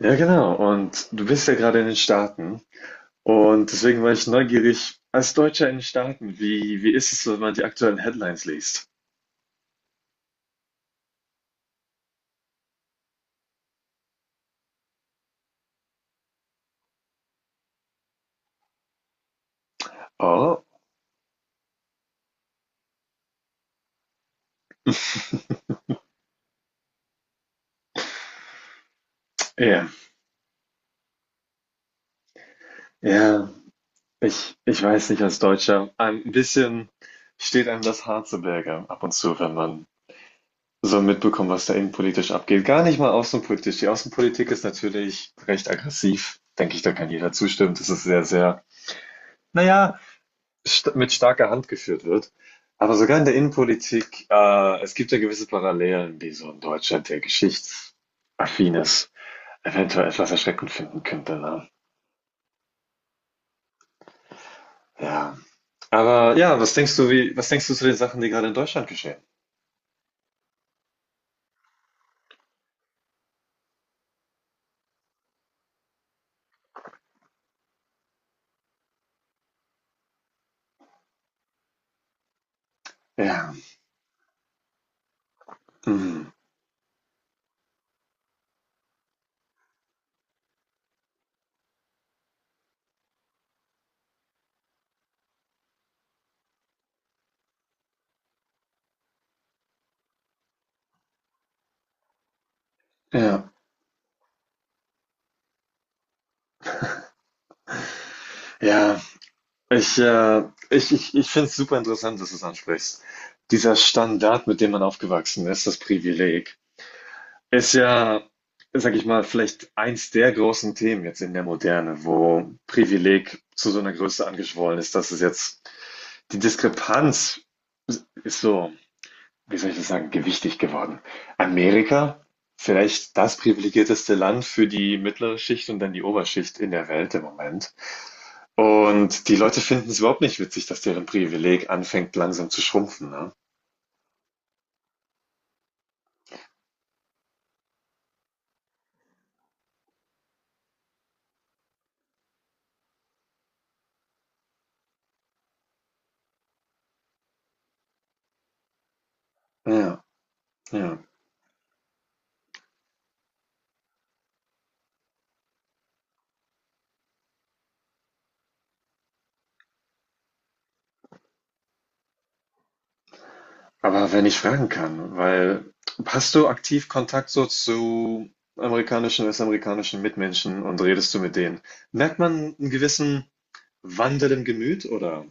Ja, genau. Und du bist ja gerade in den Staaten. Und deswegen war ich neugierig, als Deutscher in den Staaten, wie ist es, so, wenn man die aktuellen Headlines liest? Oh, ja. Ja, ich weiß nicht, als Deutscher, ein bisschen steht einem das Haar zu Berge ab und zu, wenn man so mitbekommt, was da innenpolitisch abgeht. Gar nicht mal außenpolitisch. Die Außenpolitik ist natürlich recht aggressiv. Denke ich, da kann jeder zustimmen. Das ist sehr, sehr, naja, st mit starker Hand geführt wird. Aber sogar in der Innenpolitik, es gibt ja gewisse Parallelen, die so in Deutschland, der geschichtsaffin ist, eventuell etwas erschreckend finden könnte. Ne? Ja. Aber ja, was denkst du, was denkst du zu den Sachen, die gerade in Deutschland geschehen? Ja. Mhm. Ja. Ja. Ich, äh, Ich finde es super interessant, dass du es ansprichst. Dieser Standard, mit dem man aufgewachsen ist, das Privileg. Ist ja, sage ich mal, vielleicht eins der großen Themen jetzt in der Moderne, wo Privileg zu so einer Größe angeschwollen ist, dass es jetzt die Diskrepanz ist so, wie soll ich das sagen, gewichtig geworden. Amerika, vielleicht das privilegierteste Land für die mittlere Schicht und dann die Oberschicht in der Welt im Moment. Und die Leute finden es überhaupt nicht witzig, dass deren Privileg anfängt langsam zu schrumpfen, ne? Ja, ja. Aber wenn ich fragen kann, weil hast du aktiv Kontakt so zu amerikanischen, westamerikanischen Mitmenschen und redest du mit denen? Merkt man einen gewissen Wandel im Gemüt oder?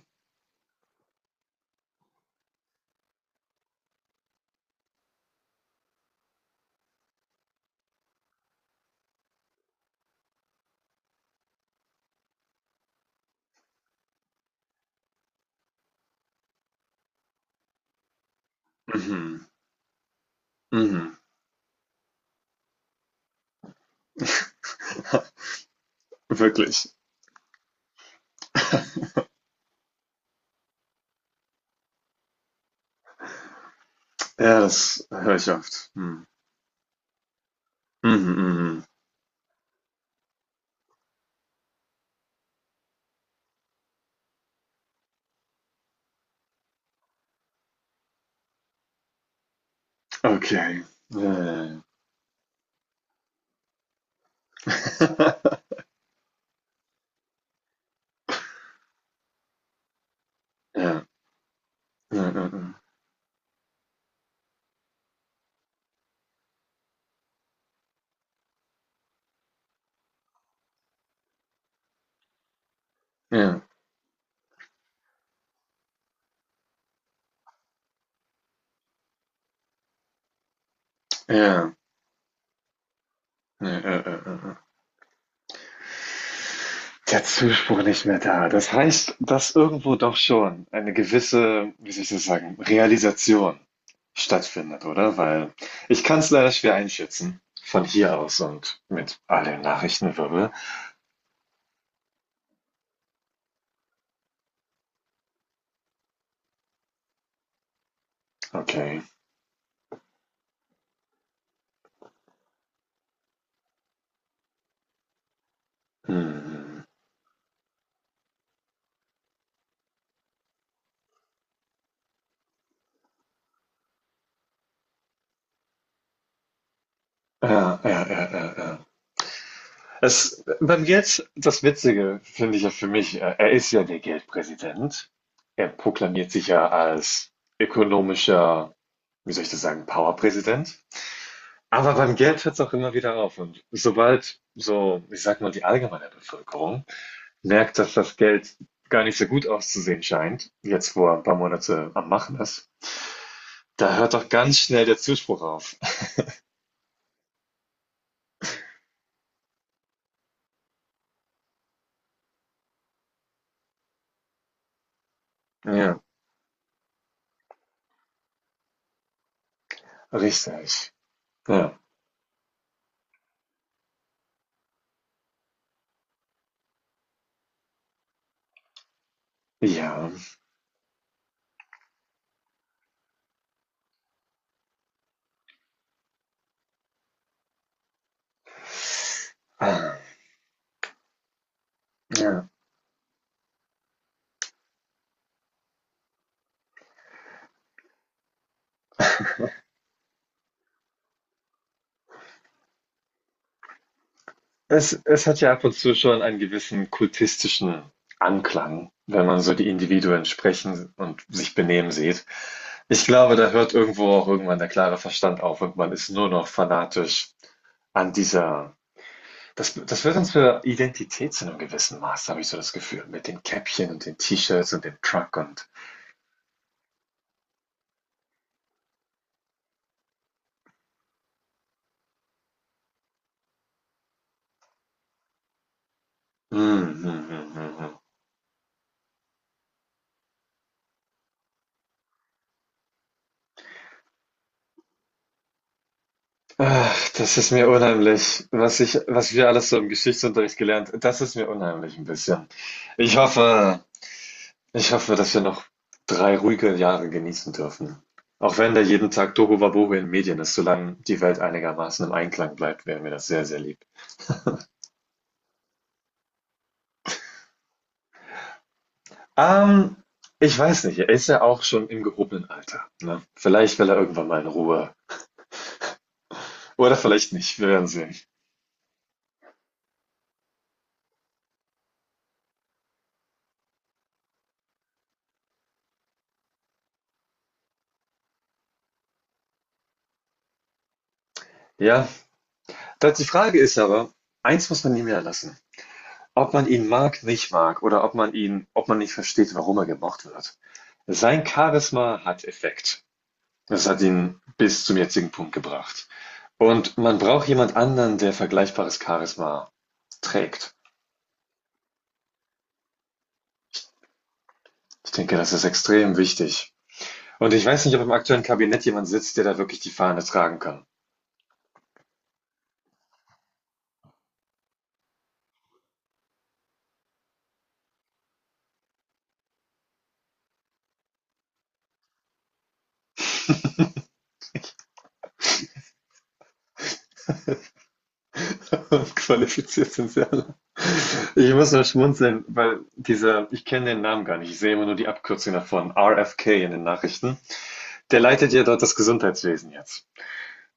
Mhm, mhm. Wirklich. Ja, das höre ich oft. Hm. Mhm, mhm, mhm. Okay. Ja, ja, ja. Ja, ja, ja. Ja, ja. Ja, ja, ja, ja, ja, ja. Der Zuspruch nicht mehr da. Das heißt, dass irgendwo doch schon eine gewisse, wie soll ich das sagen, Realisation stattfindet, oder? Weil ich kann es leider schwer einschätzen von hier aus und mit all dem Nachrichtenwirbel. Okay. Hm. Ja, ja, ja, ja, ja. Es, beim Jetzt, das Witzige finde ich ja für mich, er ist ja der Geldpräsident. Er proklamiert sich ja als ökonomischer wie soll ich das sagen, Powerpräsident. Aber beim Geld hört es auch immer wieder auf. Und sobald so, ich sag mal, die allgemeine Bevölkerung merkt, dass das Geld gar nicht so gut auszusehen scheint, jetzt wo er ein paar Monate am Machen ist, da hört doch ganz schnell der Zuspruch auf. Ja, richtig. Ja. Ja. Ah. Ja. Es hat ja ab und zu schon einen gewissen kultistischen Anklang, wenn man so die Individuen sprechen und sich benehmen sieht. Ich glaube, da hört irgendwo auch irgendwann der klare Verstand auf und man ist nur noch fanatisch an dieser das wird uns für Identität zu 'nem gewissen Maß, habe ich so das Gefühl, mit den Käppchen und den T-Shirts und dem Truck und mhm, mhm, mhm. Ach, das ist mir unheimlich, was ich was wir alles so im Geschichtsunterricht gelernt das ist mir unheimlich ein bisschen. Ich hoffe Ich hoffe, dass wir noch 3 ruhige Jahre genießen dürfen. Auch wenn da jeden Tag Tohuwabohu in den Medien ist, solange die Welt einigermaßen im Einklang bleibt, wäre mir das sehr, sehr lieb. Ähm, Ich weiß nicht, er ist ja auch schon im gehobenen Alter. Ne? Vielleicht will er irgendwann mal in Ruhe. Oder vielleicht nicht, wir werden sehen. Ja, das die Frage ist aber, eins muss man ihm ja lassen. Ob man ihn mag, nicht mag, oder ob man ihn, ob man nicht versteht, warum er gemocht wird. Sein Charisma hat Effekt. Das hat ihn bis zum jetzigen Punkt gebracht. Und man braucht jemand anderen, der vergleichbares Charisma trägt. Ich denke, das ist extrem wichtig. Und ich weiß nicht, ob im aktuellen Kabinett jemand sitzt, der da wirklich die Fahne tragen kann. Qualifiziert sind sie alle. Ich muss nur schmunzeln, weil dieser, ich kenne den Namen gar nicht, ich sehe immer nur die Abkürzung davon, RFK in den Nachrichten. Der leitet ja dort das Gesundheitswesen jetzt.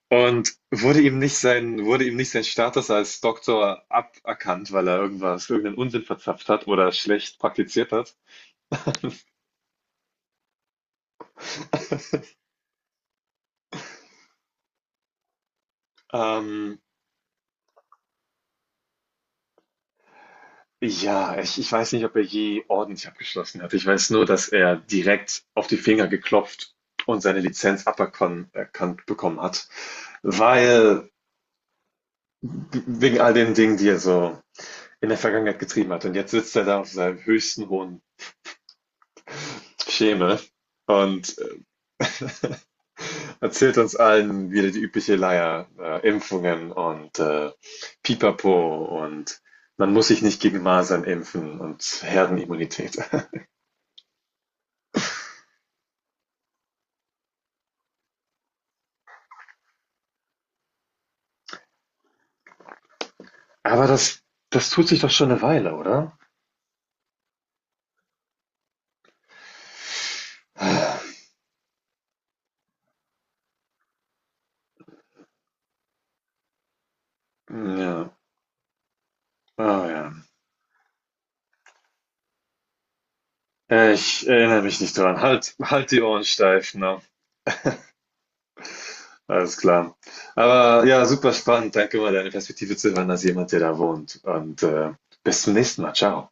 Und wurde ihm nicht sein, wurde ihm nicht sein Status als Doktor aberkannt, weil er irgendwas, irgendeinen Unsinn verzapft hat oder schlecht praktiziert hat. Ähm, ja, ich weiß nicht, ob er je ordentlich abgeschlossen hat. Ich weiß nur, dass er direkt auf die Finger geklopft und seine Lizenz aberkannt bekommen hat, weil wegen all den Dingen, die er so in der Vergangenheit getrieben hat. Und jetzt sitzt er da auf seinem höchsten hohen Schemel und erzählt uns allen wieder die übliche Leier, Impfungen und Pipapo und man muss sich nicht gegen Masern impfen und Herdenimmunität. Aber das, das tut sich doch schon eine Weile, oder? Ja, oh ja. Ich erinnere mich nicht dran. Halt, halt die Ohren steif, ne? Alles klar. Aber ja, super spannend. Danke mal, deine Perspektive zu hören als jemand, der da wohnt. Und bis zum nächsten Mal. Ciao.